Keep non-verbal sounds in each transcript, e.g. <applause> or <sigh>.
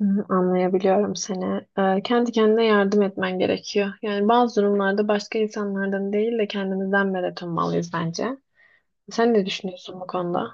Hı. Anlayabiliyorum seni. Kendi kendine yardım etmen gerekiyor. Yani bazı durumlarda başka insanlardan değil de kendimizden medet ummalıyız bence. Sen ne düşünüyorsun bu konuda?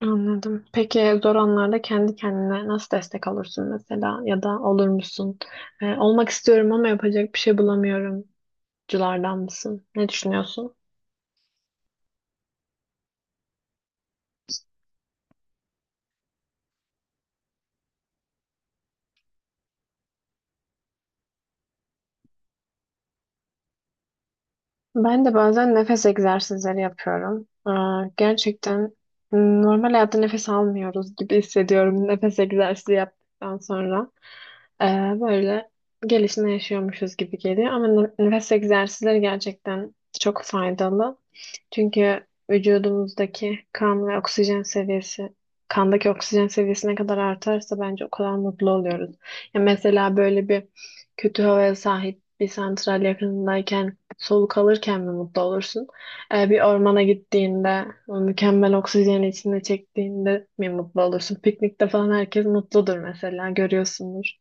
Anladım. Peki zor anlarda kendi kendine nasıl destek olursun mesela ya da olur musun? Olmak istiyorum ama yapacak bir şey bulamıyorum. Culardan mısın? Ne düşünüyorsun? Ben de bazen nefes egzersizleri yapıyorum. Aa, gerçekten normal hayatta nefes almıyoruz gibi <laughs> hissediyorum nefes egzersizi yaptıktan sonra. Ee, Böyle gelişine yaşıyormuşuz gibi geliyor ama nefes egzersizleri gerçekten çok faydalı. Çünkü vücudumuzdaki kan ve oksijen seviyesi, kandaki oksijen seviyesi ne kadar artarsa bence o kadar mutlu oluyoruz. Ya mesela böyle bir kötü havaya sahip bir santral yakınındayken soluk alırken mi mutlu olursun? Bir ormana gittiğinde, o mükemmel oksijeni içinde çektiğinde mi mutlu olursun? Piknikte falan herkes mutludur mesela, görüyorsundur.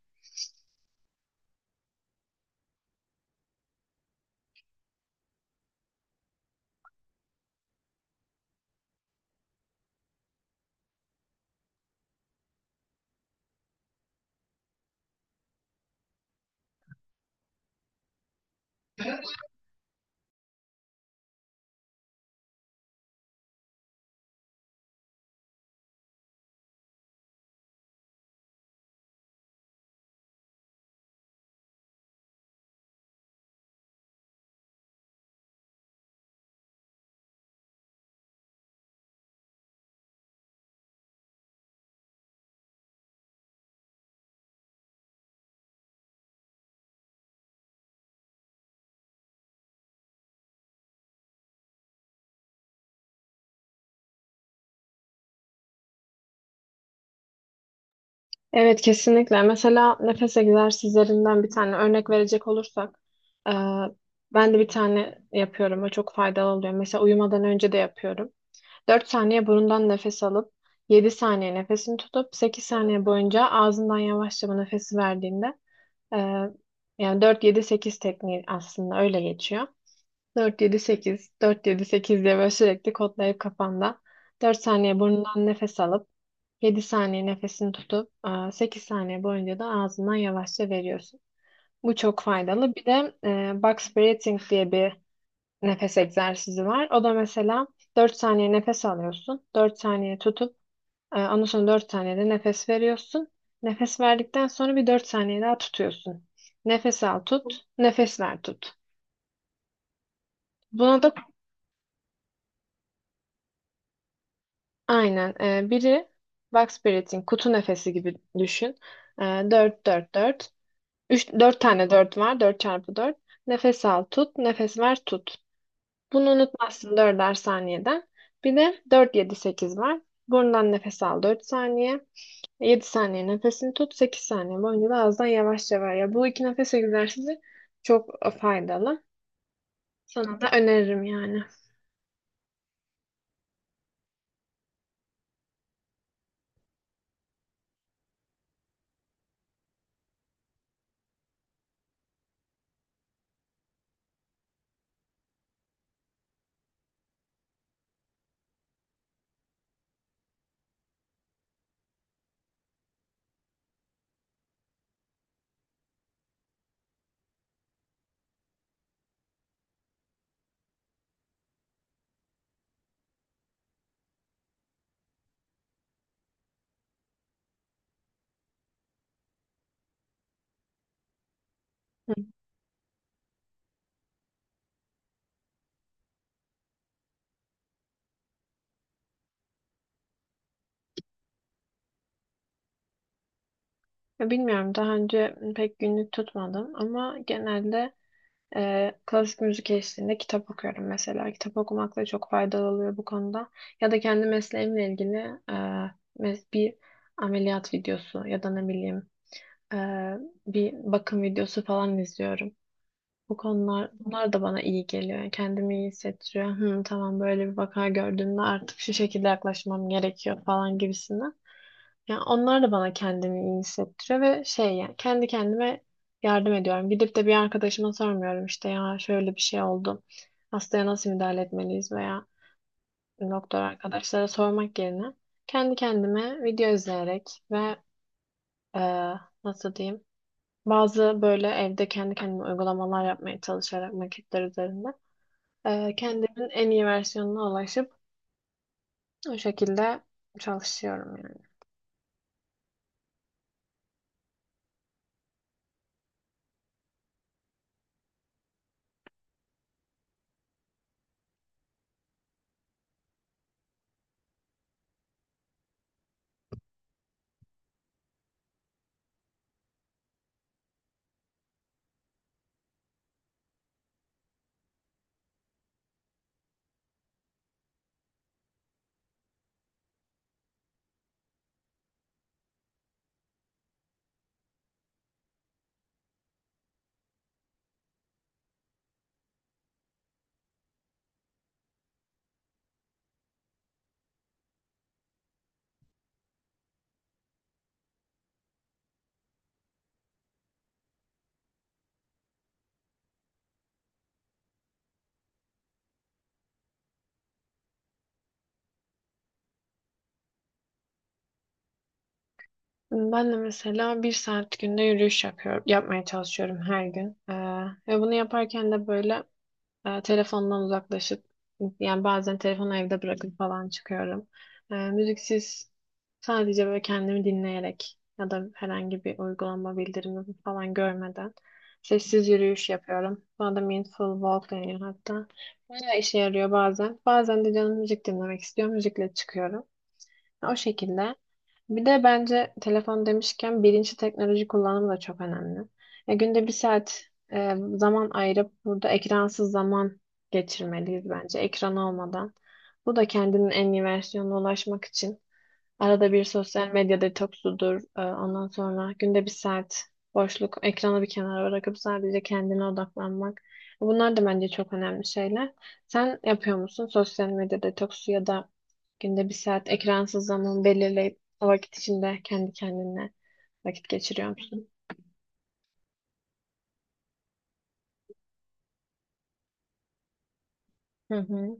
Evet, kesinlikle. Mesela nefes egzersizlerinden bir tane örnek verecek olursak, e, ben de bir tane yapıyorum. O çok faydalı oluyor. Mesela uyumadan önce de yapıyorum. 4 saniye burundan nefes alıp, 7 saniye nefesini tutup, 8 saniye boyunca ağzından yavaşça bu nefesi verdiğinde, Ee, yani dört yedi sekiz tekniği aslında öyle geçiyor. Dört yedi sekiz, dört yedi 8 diye böyle sürekli kodlayıp kafanda 4 saniye burnundan nefes alıp, 7 saniye nefesini tutup, 8 saniye boyunca da ağzından yavaşça veriyorsun. Bu çok faydalı. Bir de box breathing diye bir nefes egzersizi var. O da mesela 4 saniye nefes alıyorsun, 4 saniye tutup, ondan sonra 4 saniyede nefes veriyorsun. Nefes verdikten sonra bir 4 saniye daha tutuyorsun. Nefes al tut, nefes ver tut. Buna da aynen, biri box breathing, kutu nefesi gibi düşün. E, Dört 4 4, 3, 4 tane 4 var, 4 çarpı 4. Nefes al tut, nefes ver tut. Bunu unutmazsın dörder saniyeden. Bir de 4 7 8 var. Burundan nefes al 4 saniye. 7 saniye nefesini tut, 8 saniye boyunca da ağızdan yavaşça ver. Ya bu 2 nefes egzersizi çok faydalı. Sana da öneririm yani. Hı. Ya bilmiyorum, daha önce pek günlük tutmadım ama genelde klasik müzik eşliğinde kitap okuyorum mesela. Kitap okumak da çok faydalı oluyor bu konuda. Ya da kendi mesleğimle ilgili e, bir ameliyat videosu ya da ne bileyim, e, bir bakım videosu falan izliyorum. Bu konular, bunlar da bana iyi geliyor. Yani kendimi iyi hissettiriyor. Hı, tamam. Böyle bir vaka gördüğümde artık şu şekilde yaklaşmam gerekiyor falan gibisinden. Yani onlar da bana kendimi iyi hissettiriyor ve şey, yani kendi kendime yardım ediyorum. Gidip de bir arkadaşıma sormuyorum, işte ya şöyle bir şey oldu, hastaya nasıl müdahale etmeliyiz veya doktor arkadaşlara sormak yerine kendi kendime video izleyerek ve e, nasıl diyeyim, bazı böyle evde kendi kendime uygulamalar yapmaya çalışarak maketler üzerinde, kendimin en iyi versiyonuna ulaşıp o şekilde çalışıyorum yani. Ben de mesela 1 saat günde yürüyüş yapıyorum, yapmaya çalışıyorum her gün. Ve bunu yaparken de böyle, telefondan uzaklaşıp, yani bazen telefonu evde bırakıp falan çıkıyorum. Müziksiz, sadece böyle kendimi dinleyerek ya da herhangi bir uygulama bildirimi falan görmeden sessiz yürüyüş yapıyorum. Buna da mindful walk deniyor hatta. Bayağı işe yarıyor bazen. Bazen de canım müzik dinlemek istiyor. Müzikle çıkıyorum. O şekilde. Bir de bence telefon demişken bilinçli teknoloji kullanımı da çok önemli. Ya günde 1 saat zaman ayırıp burada ekransız zaman geçirmeliyiz bence, ekran olmadan. Bu da kendinin en iyi versiyonuna ulaşmak için. Arada bir sosyal medya detoksudur. Ondan sonra günde 1 saat boşluk, ekranı bir kenara bırakıp sadece kendine odaklanmak. Bunlar da bence çok önemli şeyler. Sen yapıyor musun sosyal medya detoksu ya da günde 1 saat ekransız zaman belirleyip o vakit içinde kendi kendine vakit geçiriyor musun? Hı hı.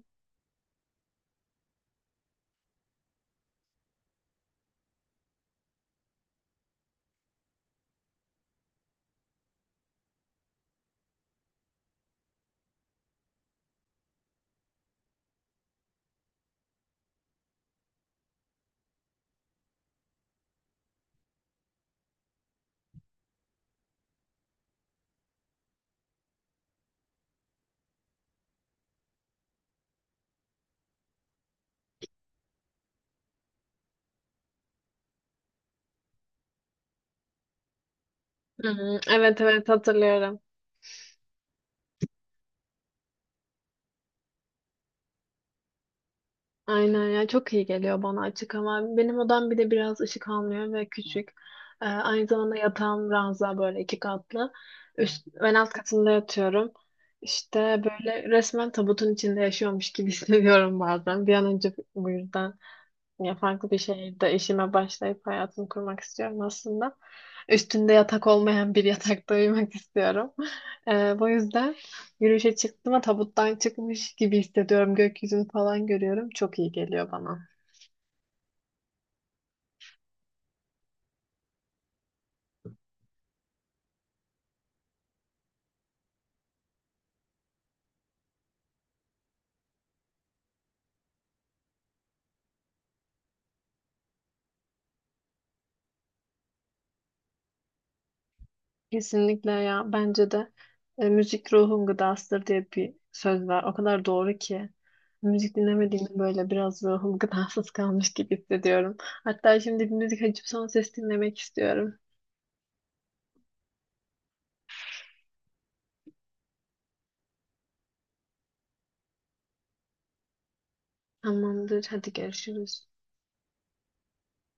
Hı hı. Evet evet, hatırlıyorum. Aynen ya, çok iyi geliyor bana açık ama benim odam bir de biraz ışık almıyor ve küçük. Aynı zamanda yatağım ranza, böyle 2 katlı. Üst, ben alt katında yatıyorum. İşte böyle resmen tabutun içinde yaşıyormuş gibi <laughs> hissediyorum bazen. Bir an önce bu yüzden ya farklı bir şehirde işime başlayıp hayatımı kurmak istiyorum aslında. Üstünde yatak olmayan bir <laughs> yatakta uyumak istiyorum. Bu yüzden yürüyüşe çıktım ama tabuttan çıkmış gibi hissediyorum. Gökyüzünü falan görüyorum. Çok iyi geliyor bana. Kesinlikle ya. Bence de müzik ruhun gıdasıdır diye bir söz var. O kadar doğru ki. Müzik dinlemediğimde böyle biraz ruhum <laughs> gıdasız kalmış gibi hissediyorum. Hatta şimdi bir müzik açıp son ses dinlemek istiyorum. Tamamdır. Hadi görüşürüz.